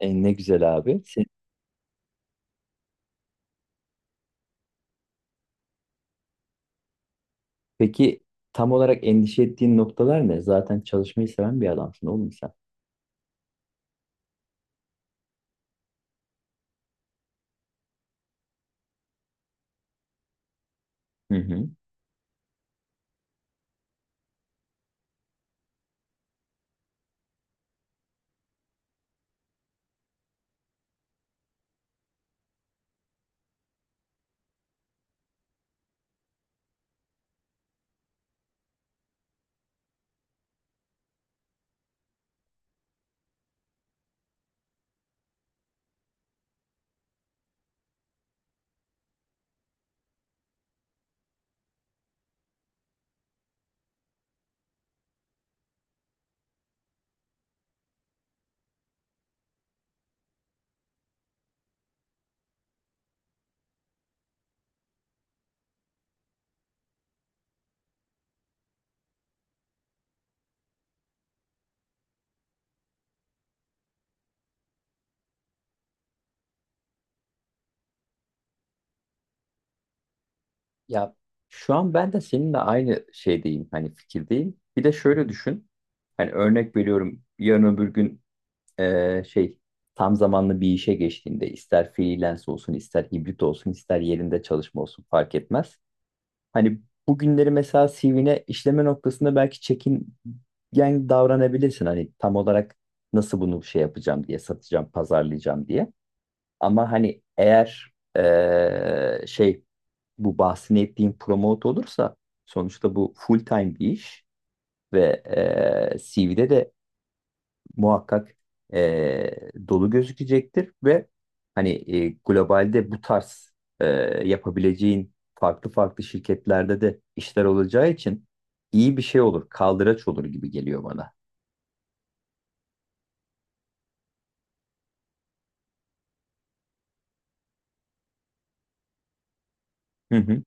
E, ne güzel abi. Peki tam olarak endişe ettiğin noktalar ne? Zaten çalışmayı seven bir adamsın oğlum sen. Hı hı. Ya şu an ben de seninle aynı şeydeyim. Hani fikirdeyim. Bir de şöyle düşün. Hani örnek veriyorum. Yarın öbür gün şey tam zamanlı bir işe geçtiğinde ister freelance olsun, ister hibrit olsun, ister yerinde çalışma olsun fark etmez. Hani bugünleri mesela CV'ne işleme noktasında belki çekingen davranabilirsin. Hani tam olarak nasıl bunu şey yapacağım diye, satacağım, pazarlayacağım diye. Ama hani eğer şey bu bahsini ettiğim promote olursa sonuçta bu full time bir iş ve CV'de de muhakkak e, dolu gözükecektir ve hani globalde bu tarz e, yapabileceğin farklı farklı şirketlerde de işler olacağı için iyi bir şey olur, kaldıraç olur gibi geliyor bana. Hı hı.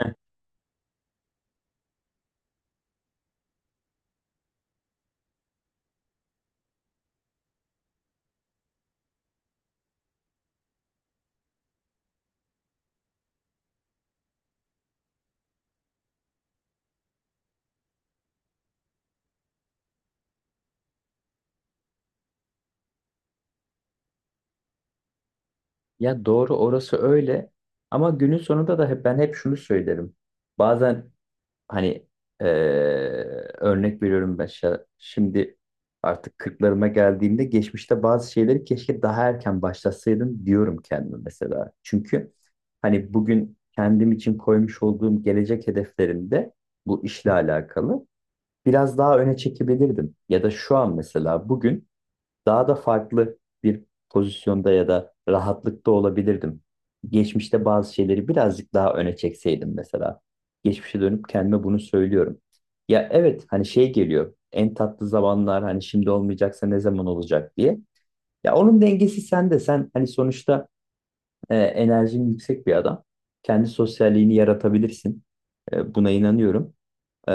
Heh. Ya doğru orası öyle, ama günün sonunda da hep, ben hep şunu söylerim. Bazen hani eee, örnek veriyorum ben şimdi artık 40'larıma geldiğimde geçmişte bazı şeyleri keşke daha erken başlasaydım diyorum kendime mesela. Çünkü hani bugün kendim için koymuş olduğum gelecek hedeflerimde bu işle alakalı biraz daha öne çekebilirdim. Ya da şu an mesela bugün daha da farklı bir pozisyonda ya da rahatlıkta olabilirdim. Geçmişte bazı şeyleri birazcık daha öne çekseydim mesela. Geçmişe dönüp kendime bunu söylüyorum. Ya evet hani şey geliyor. En tatlı zamanlar hani şimdi olmayacaksa ne zaman olacak diye. Ya onun dengesi sende. Sen hani sonuçta enerjin yüksek bir adam. Kendi sosyalliğini yaratabilirsin. Buna inanıyorum. E,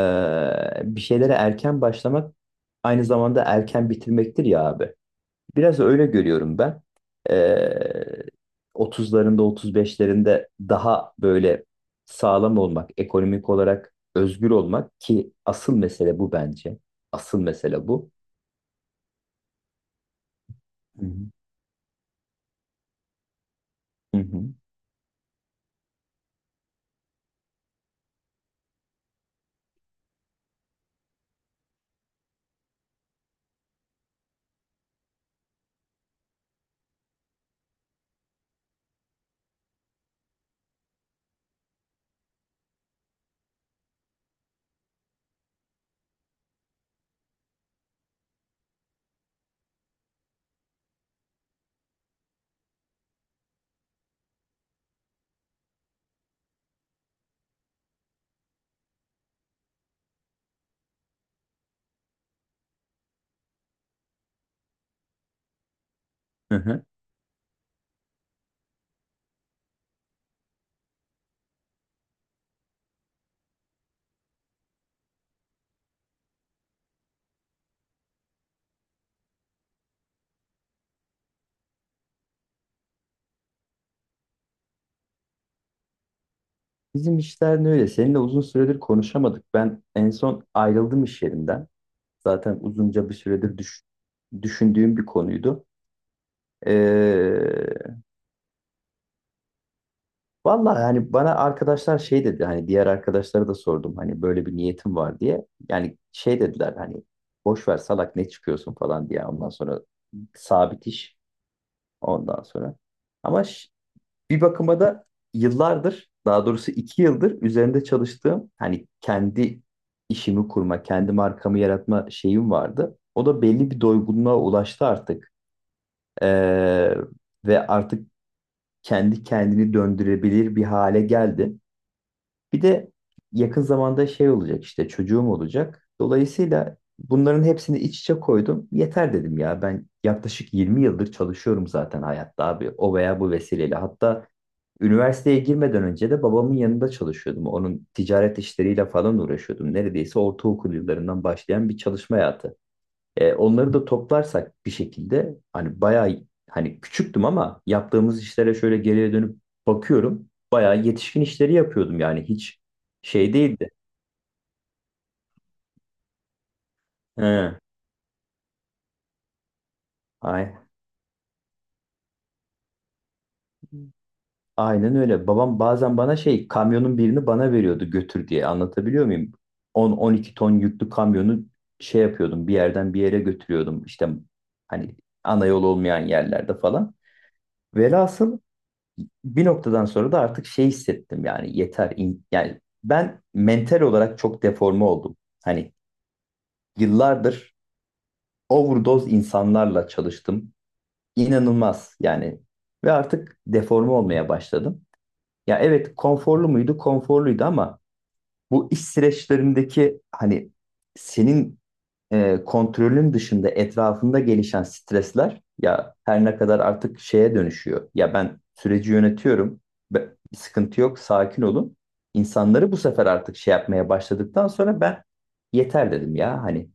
bir şeylere erken başlamak aynı zamanda erken bitirmektir ya abi. Biraz öyle görüyorum ben. Ee, 30'larında, 35'lerinde daha böyle sağlam olmak, ekonomik olarak özgür olmak ki asıl mesele bu bence. Asıl mesele bu. Hı hı. Hı hı. Hı hı. Bizim işler ne öyle. Seninle uzun süredir konuşamadık. Ben en son ayrıldım iş yerinden. Zaten uzunca bir süredir düşündüğüm bir konuydu. Ee, Vallahi yani bana arkadaşlar şey dedi hani diğer arkadaşlara da sordum hani böyle bir niyetim var diye. Yani şey dediler hani boş ver salak ne çıkıyorsun falan diye ondan sonra sabit iş ondan sonra. Ama bir bakıma da yıllardır, daha doğrusu 2 yıldır üzerinde çalıştığım hani kendi işimi kurma, kendi markamı yaratma şeyim vardı. O da belli bir doygunluğa ulaştı artık. Ee, ve artık kendi kendini döndürebilir bir hale geldi. Bir de yakın zamanda şey olacak, işte çocuğum olacak. Dolayısıyla bunların hepsini iç içe koydum. Yeter dedim ya, ben yaklaşık 20 yıldır çalışıyorum zaten hayatta abi o veya bu vesileyle. Hatta üniversiteye girmeden önce de babamın yanında çalışıyordum. Onun ticaret işleriyle falan uğraşıyordum. Neredeyse ortaokul yıllarından başlayan bir çalışma hayatı. Onları da toplarsak bir şekilde hani bayağı, hani küçüktüm ama yaptığımız işlere şöyle geriye dönüp bakıyorum. Bayağı yetişkin işleri yapıyordum, yani hiç şey değildi. He, ay, aynen öyle. Babam bazen bana şey, kamyonun birini bana veriyordu götür diye, anlatabiliyor muyum? 10-12 ton yüklü kamyonu şey yapıyordum, bir yerden bir yere götürüyordum işte, hani ana yol olmayan yerlerde falan. Velhasıl bir noktadan sonra da artık şey hissettim, yani yeter yani ben mental olarak çok deforme oldum. Hani yıllardır overdose insanlarla çalıştım. İnanılmaz yani ve artık deforme olmaya başladım. Ya evet konforlu muydu? Konforluydu ama bu iş süreçlerindeki hani senin kontrolün dışında etrafında gelişen stresler, ya her ne kadar artık şeye dönüşüyor. Ya ben süreci yönetiyorum. Bir sıkıntı yok, sakin olun. İnsanları bu sefer artık şey yapmaya başladıktan sonra ben yeter dedim ya, hani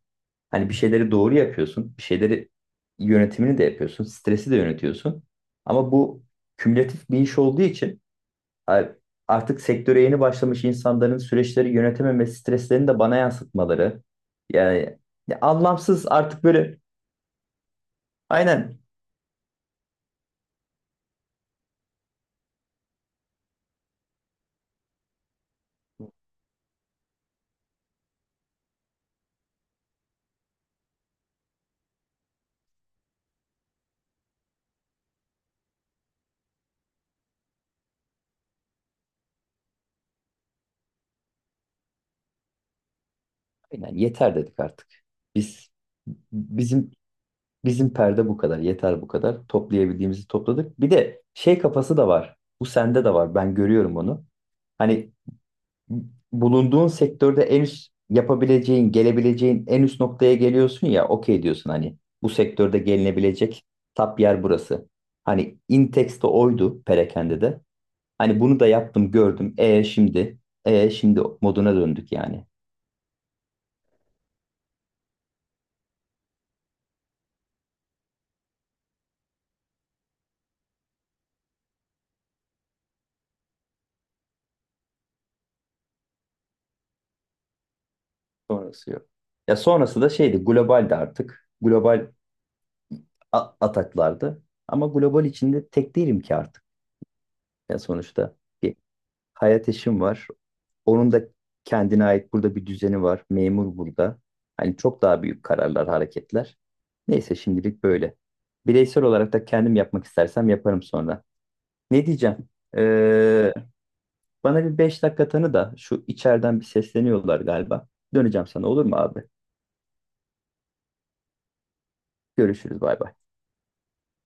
hani bir şeyleri doğru yapıyorsun, bir şeyleri yönetimini de yapıyorsun, stresi de yönetiyorsun. Ama bu kümülatif bir iş olduğu için Ay- artık sektöre yeni başlamış insanların süreçleri yönetememesi, streslerini de bana yansıtmaları. Yani ya anlamsız artık böyle, aynen, aynen, yeter dedik artık. Biz bizim bizim perde bu kadar, yeter bu kadar. Toplayabildiğimizi topladık. Bir de şey kafası da var. Bu sende de var. Ben görüyorum onu. Hani bulunduğun sektörde en üst yapabileceğin, gelebileceğin en üst noktaya geliyorsun ya, okey diyorsun hani bu sektörde gelinebilecek tap yer burası. Hani Intex'te oydu perakende de. Hani bunu da yaptım, gördüm. Şimdi moduna döndük yani. Sonrası yok. Ya sonrası da şeydi, globaldi artık. Global ataklardı. Ama global içinde tek değilim ki artık. Ya sonuçta bir hayat eşim var. Onun da kendine ait burada bir düzeni var. Memur burada. Hani çok daha büyük kararlar, hareketler. Neyse, şimdilik böyle. Bireysel olarak da kendim yapmak istersem yaparım sonra. Ne diyeceğim? Ee, bana bir 5 dakika tanı da şu, içeriden bir sesleniyorlar galiba. Döneceğim sana, olur mu abi? Görüşürüz, bay bay.